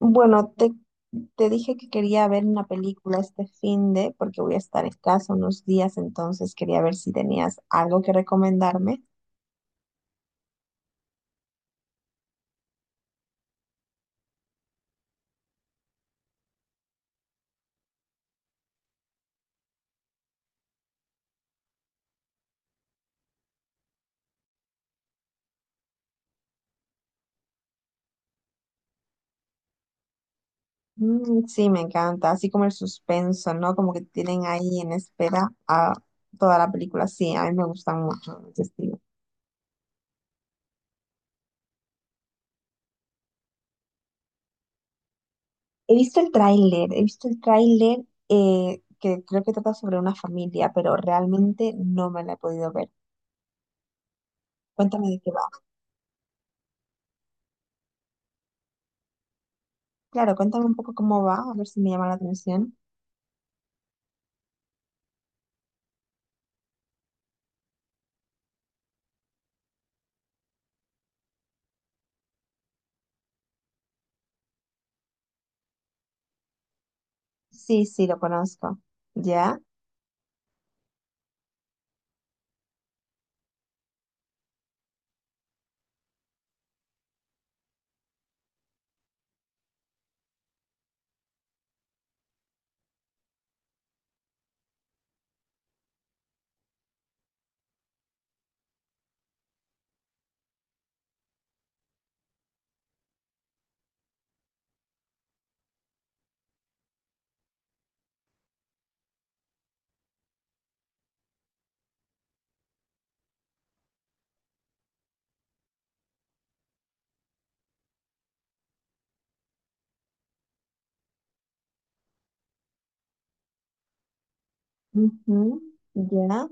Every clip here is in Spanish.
Bueno, te dije que quería ver una película este fin de, porque voy a estar en casa unos días, entonces quería ver si tenías algo que recomendarme. Sí, me encanta, así como el suspenso, ¿no? Como que tienen ahí en espera a toda la película. Sí, a mí me gustan mucho ese estilo. He visto el tráiler, he visto el tráiler que creo que trata sobre una familia, pero realmente no me la he podido ver. Cuéntame de qué va. Claro, cuéntame un poco cómo va, a ver si me llama la atención. Sí, sí, lo conozco. Ya. Ujú. Ya.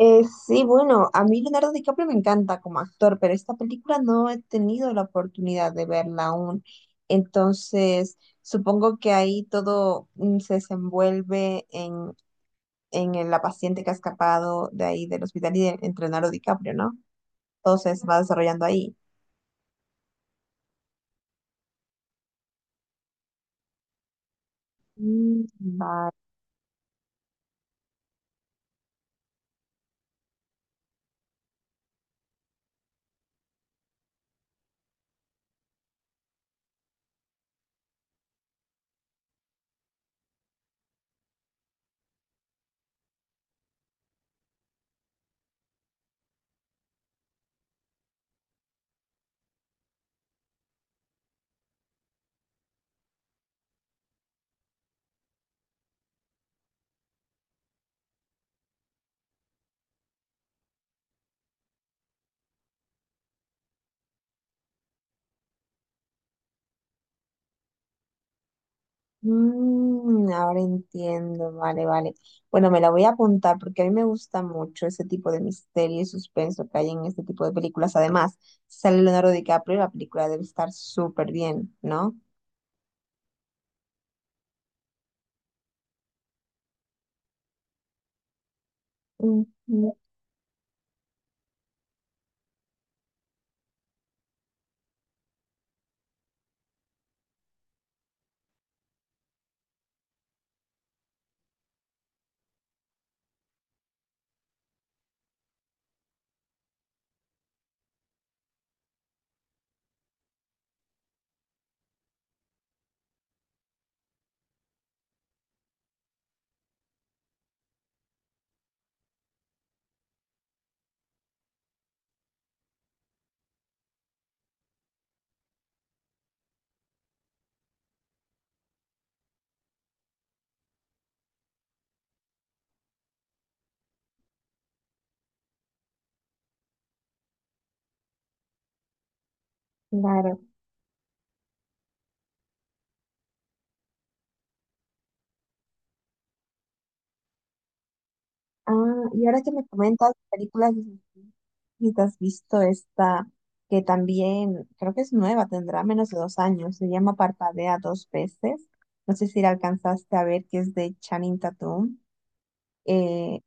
Sí, bueno, a mí Leonardo DiCaprio me encanta como actor, pero esta película no he tenido la oportunidad de verla aún. Entonces, supongo que ahí todo se desenvuelve en la paciente que ha escapado de ahí del hospital y de, entre Leonardo DiCaprio, ¿no? Todo se va desarrollando ahí. Mm. Vale. Mm, ahora entiendo, vale, vale. Bueno, me la voy a apuntar porque a mí me gusta mucho ese tipo de misterio y suspenso que hay en este tipo de películas. Además, sale Leonardo DiCaprio y la película debe estar súper bien, ¿no? Ujú, claro. Ah, y ahora que me comentas películas, si te has visto esta que también creo que es nueva, tendrá menos de dos años, se llama Parpadea Dos Veces. No sé si la alcanzaste a ver, que es de Channing Tatum. Eh,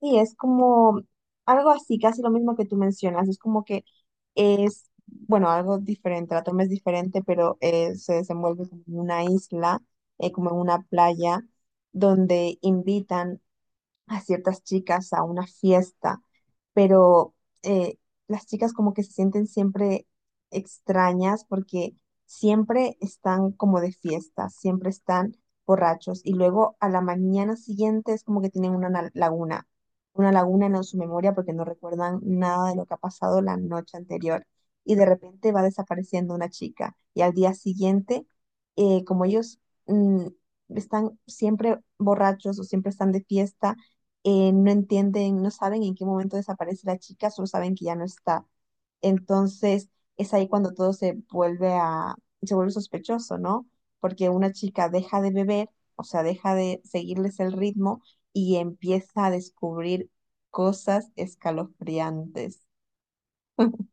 Sí, es como algo así, casi lo mismo que tú mencionas. Es como que es, bueno, algo diferente, la toma es diferente, pero se desenvuelve como en una isla, como en una playa, donde invitan a ciertas chicas a una fiesta, pero eh, las chicas como que se sienten siempre extrañas porque siempre están como de fiesta, siempre están borrachos y luego a la mañana siguiente es como que tienen una laguna, una laguna en su memoria porque no recuerdan nada de lo que ha pasado la noche anterior y de repente va desapareciendo una chica y al día siguiente, como ellos mm, están siempre borrachos o siempre están de fiesta, no entienden, no saben en qué momento desaparece la chica, solo saben que ya no está. Entonces, es ahí cuando todo se vuelve a, se vuelve sospechoso, ¿no? Porque una chica deja de beber, o sea, deja de seguirles el ritmo y empieza a descubrir cosas escalofriantes.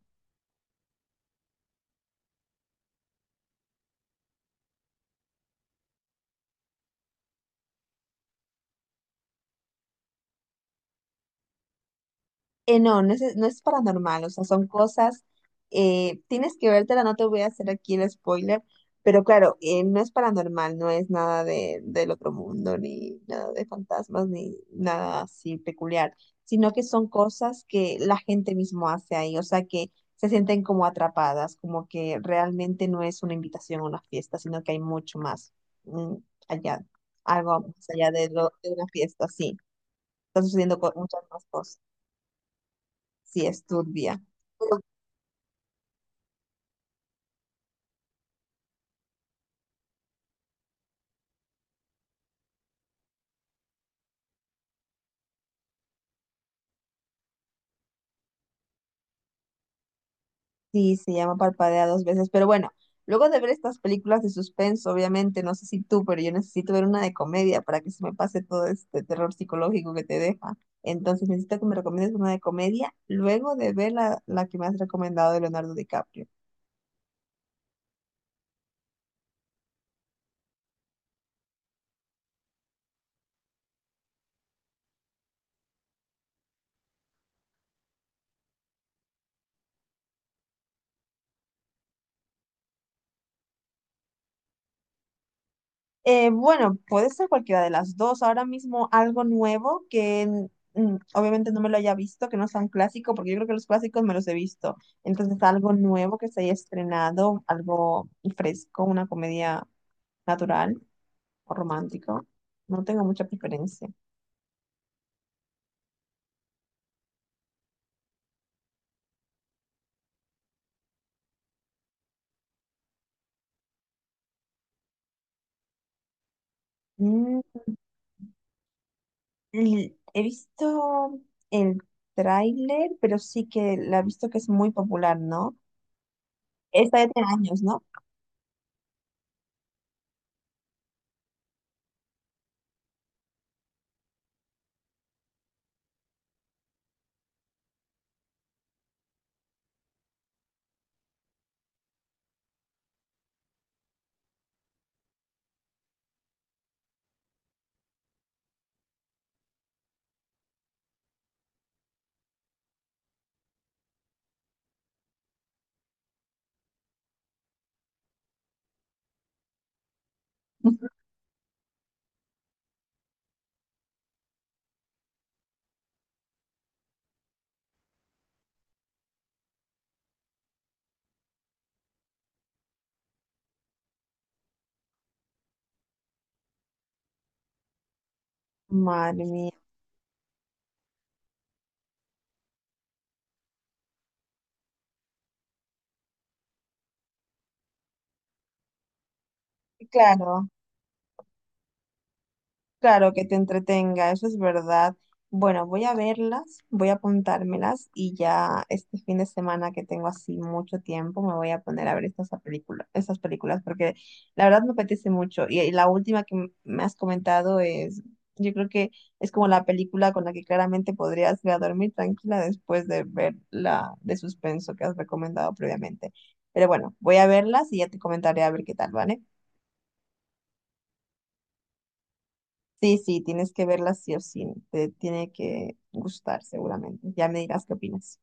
No es paranormal, o sea, son cosas, tienes que vértela, no te voy a hacer aquí el spoiler, pero claro, no es paranormal, no es nada de, del otro mundo, ni nada de fantasmas, ni nada así peculiar, sino que son cosas que la gente mismo hace ahí, o sea, que se sienten como atrapadas, como que realmente no es una invitación a una fiesta, sino que hay mucho más mm, allá, algo más allá de, lo, de una fiesta, sí, están sucediendo muchas más cosas, sí, es turbia. Sí, se llama Parpadea Dos Veces, pero bueno, luego de ver estas películas de suspenso, obviamente, no sé si tú, pero yo necesito ver una de comedia para que se me pase todo este terror psicológico que te deja. Entonces necesito que me recomiendes una de comedia luego de ver la, la que me has recomendado de Leonardo DiCaprio. Bueno, puede ser cualquiera de las dos. Ahora mismo algo nuevo que obviamente no me lo haya visto, que no sea un clásico, porque yo creo que los clásicos me los he visto. Entonces algo nuevo que se haya estrenado, algo fresco, una comedia natural o romántico. No tengo mucha preferencia. Mm. He visto el tráiler, pero sí que la he visto, que es muy popular, ¿no? Esta ya tiene años, ¿no? Madre mía. Claro. Claro que te entretenga, eso es verdad. Bueno, voy a verlas, voy a apuntármelas y ya este fin de semana que tengo así mucho tiempo me voy a poner a ver estas películas, estas películas, porque la verdad me apetece mucho. Y la última que me has comentado es, yo creo que es como la película con la que claramente podrías ir a dormir tranquila después de ver la de suspenso que has recomendado previamente. Pero bueno, voy a verlas y ya te comentaré a ver qué tal, ¿vale? Sí, sí, tienes que verla sí o sí. Te tiene que gustar seguramente. Ya me dirás qué opinas.